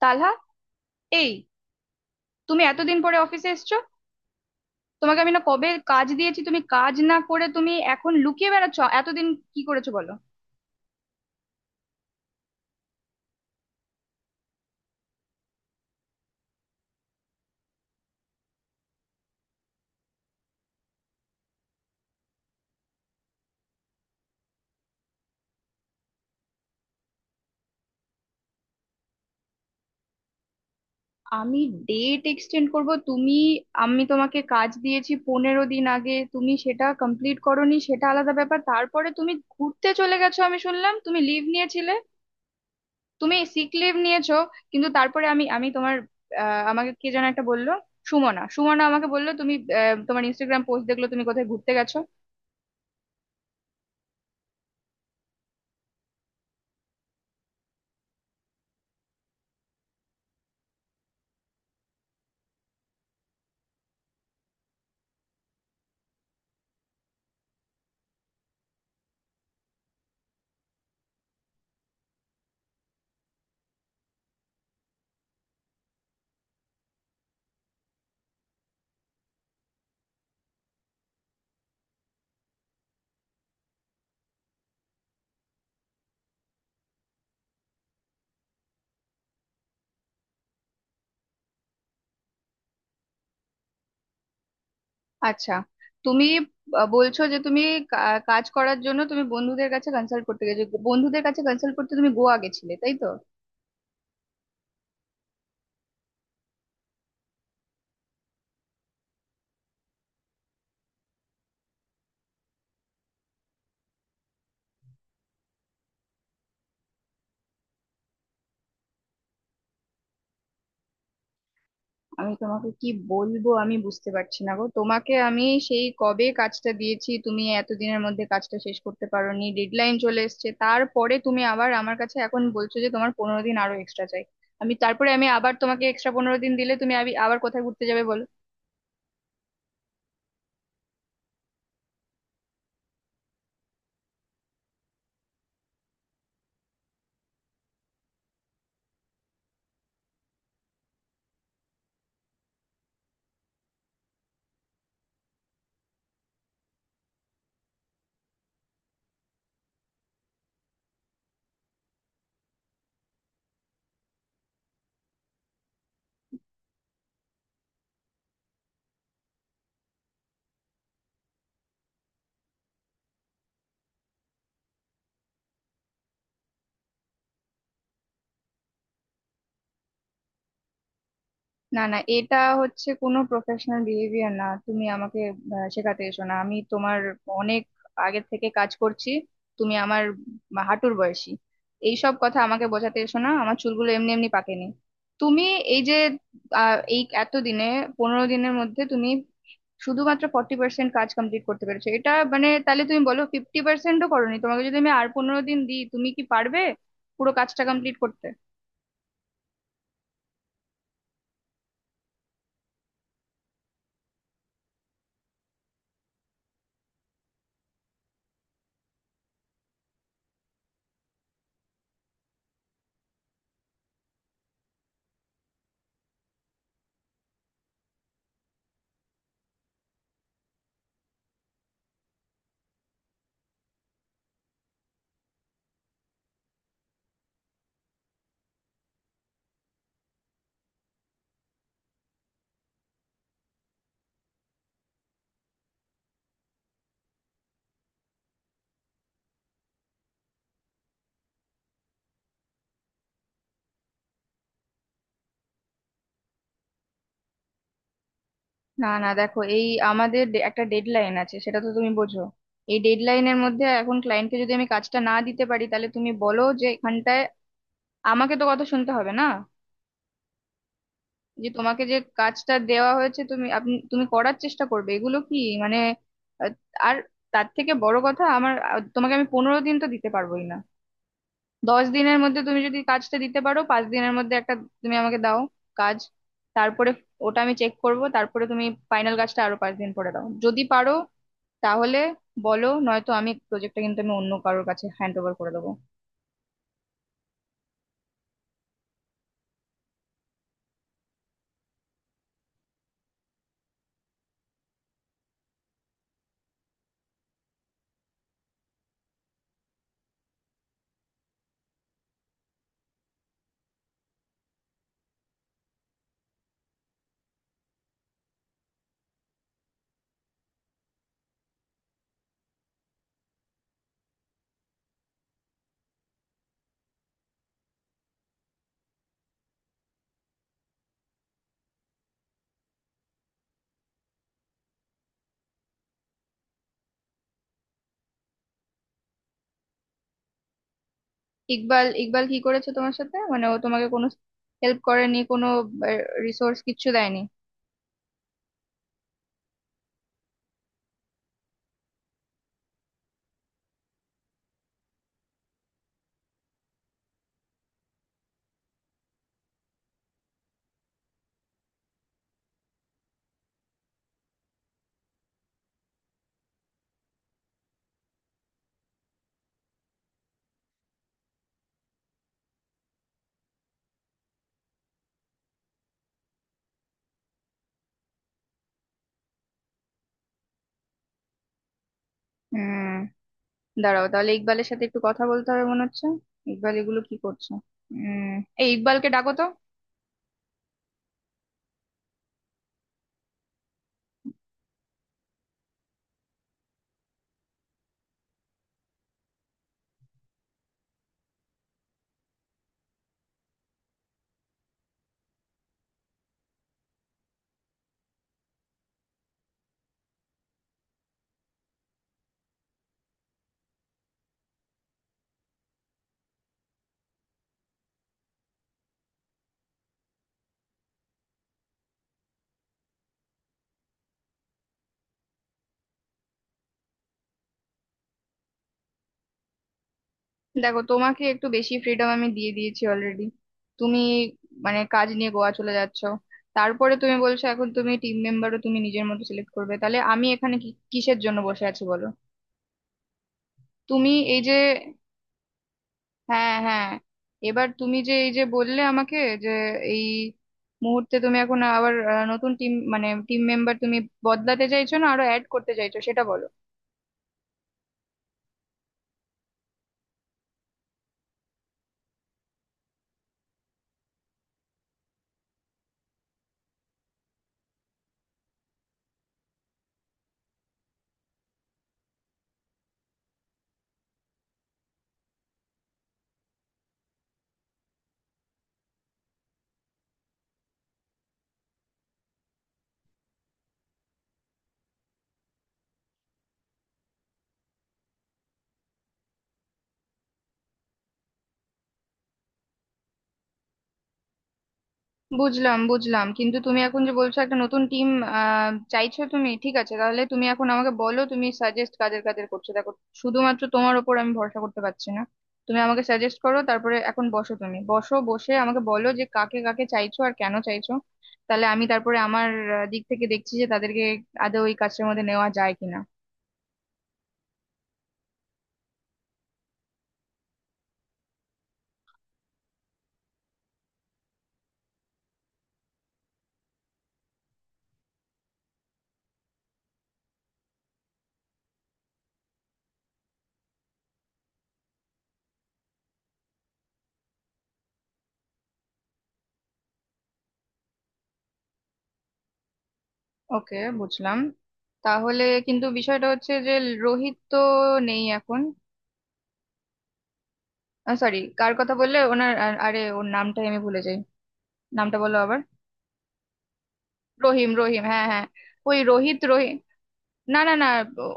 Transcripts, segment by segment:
তালহা! এই, তুমি এতদিন পরে অফিসে এসছো? তোমাকে আমি না কবে কাজ দিয়েছি, তুমি কাজ না করে তুমি এখন লুকিয়ে বেড়াচ্ছো। এতদিন কি করেছো, বলো। আমি ডেট এক্সটেন্ড করব? তুমি... আমি তোমাকে কাজ দিয়েছি 15 দিন আগে, তুমি সেটা কমপ্লিট করোনি, সেটা আলাদা ব্যাপার। তারপরে তুমি ঘুরতে চলে গেছো, আমি শুনলাম তুমি লিভ নিয়েছিলে। তুমি সিক লিভ নিয়েছো? কিন্তু তারপরে আমি আমি তোমার, আমাকে কে যেন একটা বললো। সুমনা সুমনা আমাকে বললো তুমি, তোমার ইনস্টাগ্রাম পোস্ট দেখলো তুমি কোথায় ঘুরতে গেছো। আচ্ছা, তুমি বলছো যে তুমি কাজ করার জন্য তুমি বন্ধুদের কাছে কনসাল্ট করতে গেছো। বন্ধুদের কাছে কনসাল্ট করতে তুমি গোয়া গেছিলে, তাই তো? আমি তোমাকে কি বলবো আমি বুঝতে পারছি না গো। তোমাকে আমি সেই কবে কাজটা দিয়েছি, তুমি এতদিনের মধ্যে কাজটা শেষ করতে পারোনি, ডেডলাইন চলে এসেছে। তারপরে তুমি আবার আমার কাছে এখন বলছো যে তোমার 15 দিন আরো এক্সট্রা চাই। আমি তারপরে আমি আবার তোমাকে এক্সট্রা 15 দিন দিলে তুমি আবার কোথায় ঘুরতে যাবে, বলো? না, না, এটা হচ্ছে কোনো প্রফেশনাল বিহেভিয়ার না। তুমি আমাকে শেখাতে এসো না। আমি তোমার অনেক আগের থেকে কাজ করছি। তুমি আমার হাঁটুর বয়সী। এইসব কথা আমাকে বোঝাতে এসো না, আমার চুলগুলো এমনি এমনি পাকেনি। তুমি এই যে, এই এতদিনে, 15 দিনের মধ্যে তুমি শুধুমাত্র 40% কাজ কমপ্লিট করতে পেরেছো। এটা মানে তাহলে তুমি বলো 50%ও করোনি। তোমাকে যদি আমি আর 15 দিন দিই, তুমি কি পারবে পুরো কাজটা কমপ্লিট করতে? না, না, দেখো, এই আমাদের একটা ডেডলাইন আছে, সেটা তো তুমি বোঝো। এই ডেডলাইনের মধ্যে এখন ক্লায়েন্টকে যদি আমি কাজটা না দিতে পারি, তাহলে তুমি বলো, যে এখানটায় আমাকে তো কথা শুনতে হবে না? যে তোমাকে যে কাজটা দেওয়া হয়েছে তুমি আপনি তুমি করার চেষ্টা করবে, এগুলো কি মানে, আহ, আর তার থেকে বড় কথা আমার, তোমাকে আমি 15 দিন তো দিতে পারবোই না। 10 দিনের মধ্যে তুমি যদি কাজটা দিতে পারো, 5 দিনের মধ্যে একটা তুমি আমাকে দাও কাজ, তারপরে ওটা আমি চেক করব, তারপরে তুমি ফাইনাল কাজটা আরো 5 দিন পরে দাও যদি পারো। তাহলে বলো, নয়তো আমি প্রজেক্টটা কিন্তু আমি অন্য কারোর কাছে হ্যান্ড ওভার করে দেবো। ইকবাল ইকবাল কি করেছে তোমার সাথে? মানে ও তোমাকে কোনো হেল্প করেনি, কোনো রিসোর্স কিচ্ছু দেয়নি? হুম, দাঁড়াও, তাহলে ইকবালের সাথে একটু কথা বলতে হবে মনে হচ্ছে। ইকবাল এগুলো কি করছে! উম এই, ইকবালকে ডাকো তো। দেখো, তোমাকে একটু বেশি ফ্রিডম আমি দিয়ে দিয়েছি অলরেডি। তুমি মানে কাজ নিয়ে গোয়া চলে যাচ্ছ, তারপরে তুমি বলছো এখন তুমি টিম মেম্বারও তুমি নিজের মতো সিলেক্ট করবে, তাহলে আমি এখানে কিসের জন্য বসে আছি, বলো? তুমি এই যে... হ্যাঁ, হ্যাঁ, এবার তুমি যে এই যে বললে আমাকে, যে এই মুহূর্তে তুমি এখন আবার, নতুন টিম মানে টিম মেম্বার তুমি বদলাতে চাইছো, না আরো অ্যাড করতে চাইছো, সেটা বলো। বুঝলাম, বুঝলাম, কিন্তু তুমি এখন যে বলছো একটা নতুন টিম চাইছো তুমি। ঠিক আছে, তাহলে তুমি এখন আমাকে বলো তুমি সাজেস্ট কাদের কাদের করছো। দেখো, শুধুমাত্র তোমার ওপর আমি ভরসা করতে পারছি না। তুমি আমাকে সাজেস্ট করো, তারপরে এখন বসো, তুমি বসো, বসে আমাকে বলো যে কাকে কাকে চাইছো আর কেন চাইছো। তাহলে আমি তারপরে আমার দিক থেকে দেখছি যে তাদেরকে আদৌ ওই কাজের মধ্যে নেওয়া যায় কিনা। ওকে, বুঝলাম। তাহলে কিন্তু বিষয়টা হচ্ছে যে রোহিত তো নেই এখন। সরি, কার কথা বললে? ওনার আরে, ওর নামটাই আমি ভুলে যাই। নামটা বলো আবার। রহিম, রহিম, হ্যাঁ, হ্যাঁ, ওই রোহিত রহিম, না, না, না।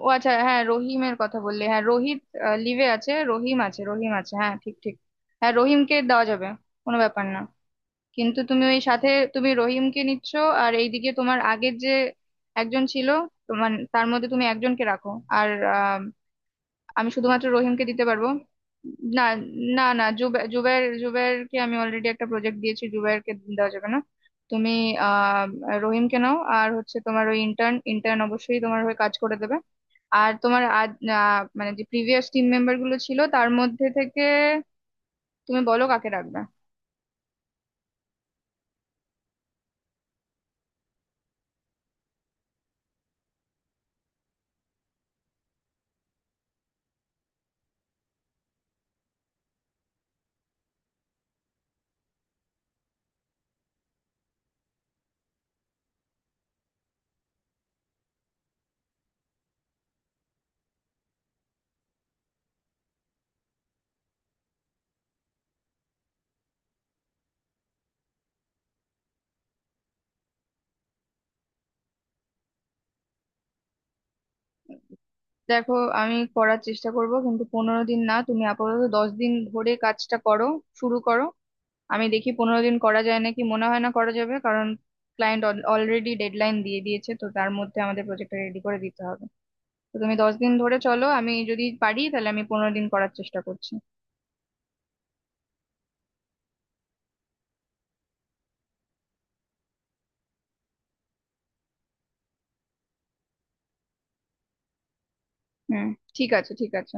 ও আচ্ছা, হ্যাঁ, রহিমের কথা বললে। হ্যাঁ, রোহিত লিভে আছে, রহিম আছে, রহিম আছে, হ্যাঁ, ঠিক, ঠিক। হ্যাঁ, রহিমকে দেওয়া যাবে, কোনো ব্যাপার না। কিন্তু তুমি ওই সাথে, তুমি রহিমকে নিচ্ছ, আর এইদিকে তোমার আগের যে একজন ছিল তোমার, তার মধ্যে তুমি একজনকে রাখো। আর, আহ আমি শুধুমাত্র রহিমকে দিতে পারবো। না, না, না, জুবের, জুবেরকে আমি অলরেডি একটা প্রজেক্ট দিয়েছি, জুবেরকে দেওয়া যাবে না। তুমি, আহ রহিমকে নাও, আর হচ্ছে তোমার ওই ইন্টার্ন, ইন্টার্ন অবশ্যই তোমার হয়ে কাজ করে দেবে। আর তোমার আজ, মানে যে প্রিভিয়াস টিম মেম্বার গুলো ছিল তার মধ্যে থেকে তুমি বলো কাকে রাখবে। দেখো, আমি করার চেষ্টা করব, কিন্তু 15 দিন না, তুমি আপাতত 10 দিন ধরে কাজটা করো, শুরু করো। আমি দেখি 15 দিন করা যায় নাকি, মনে হয় না করা যাবে, কারণ ক্লায়েন্ট অলরেডি ডেডলাইন দিয়ে দিয়েছে, তো তার মধ্যে আমাদের প্রজেক্টটা রেডি করে দিতে হবে। তো তুমি 10 দিন ধরে চলো, আমি যদি পারি তাহলে আমি 15 দিন করার চেষ্টা করছি। হুম, ঠিক আছে, ঠিক আছে।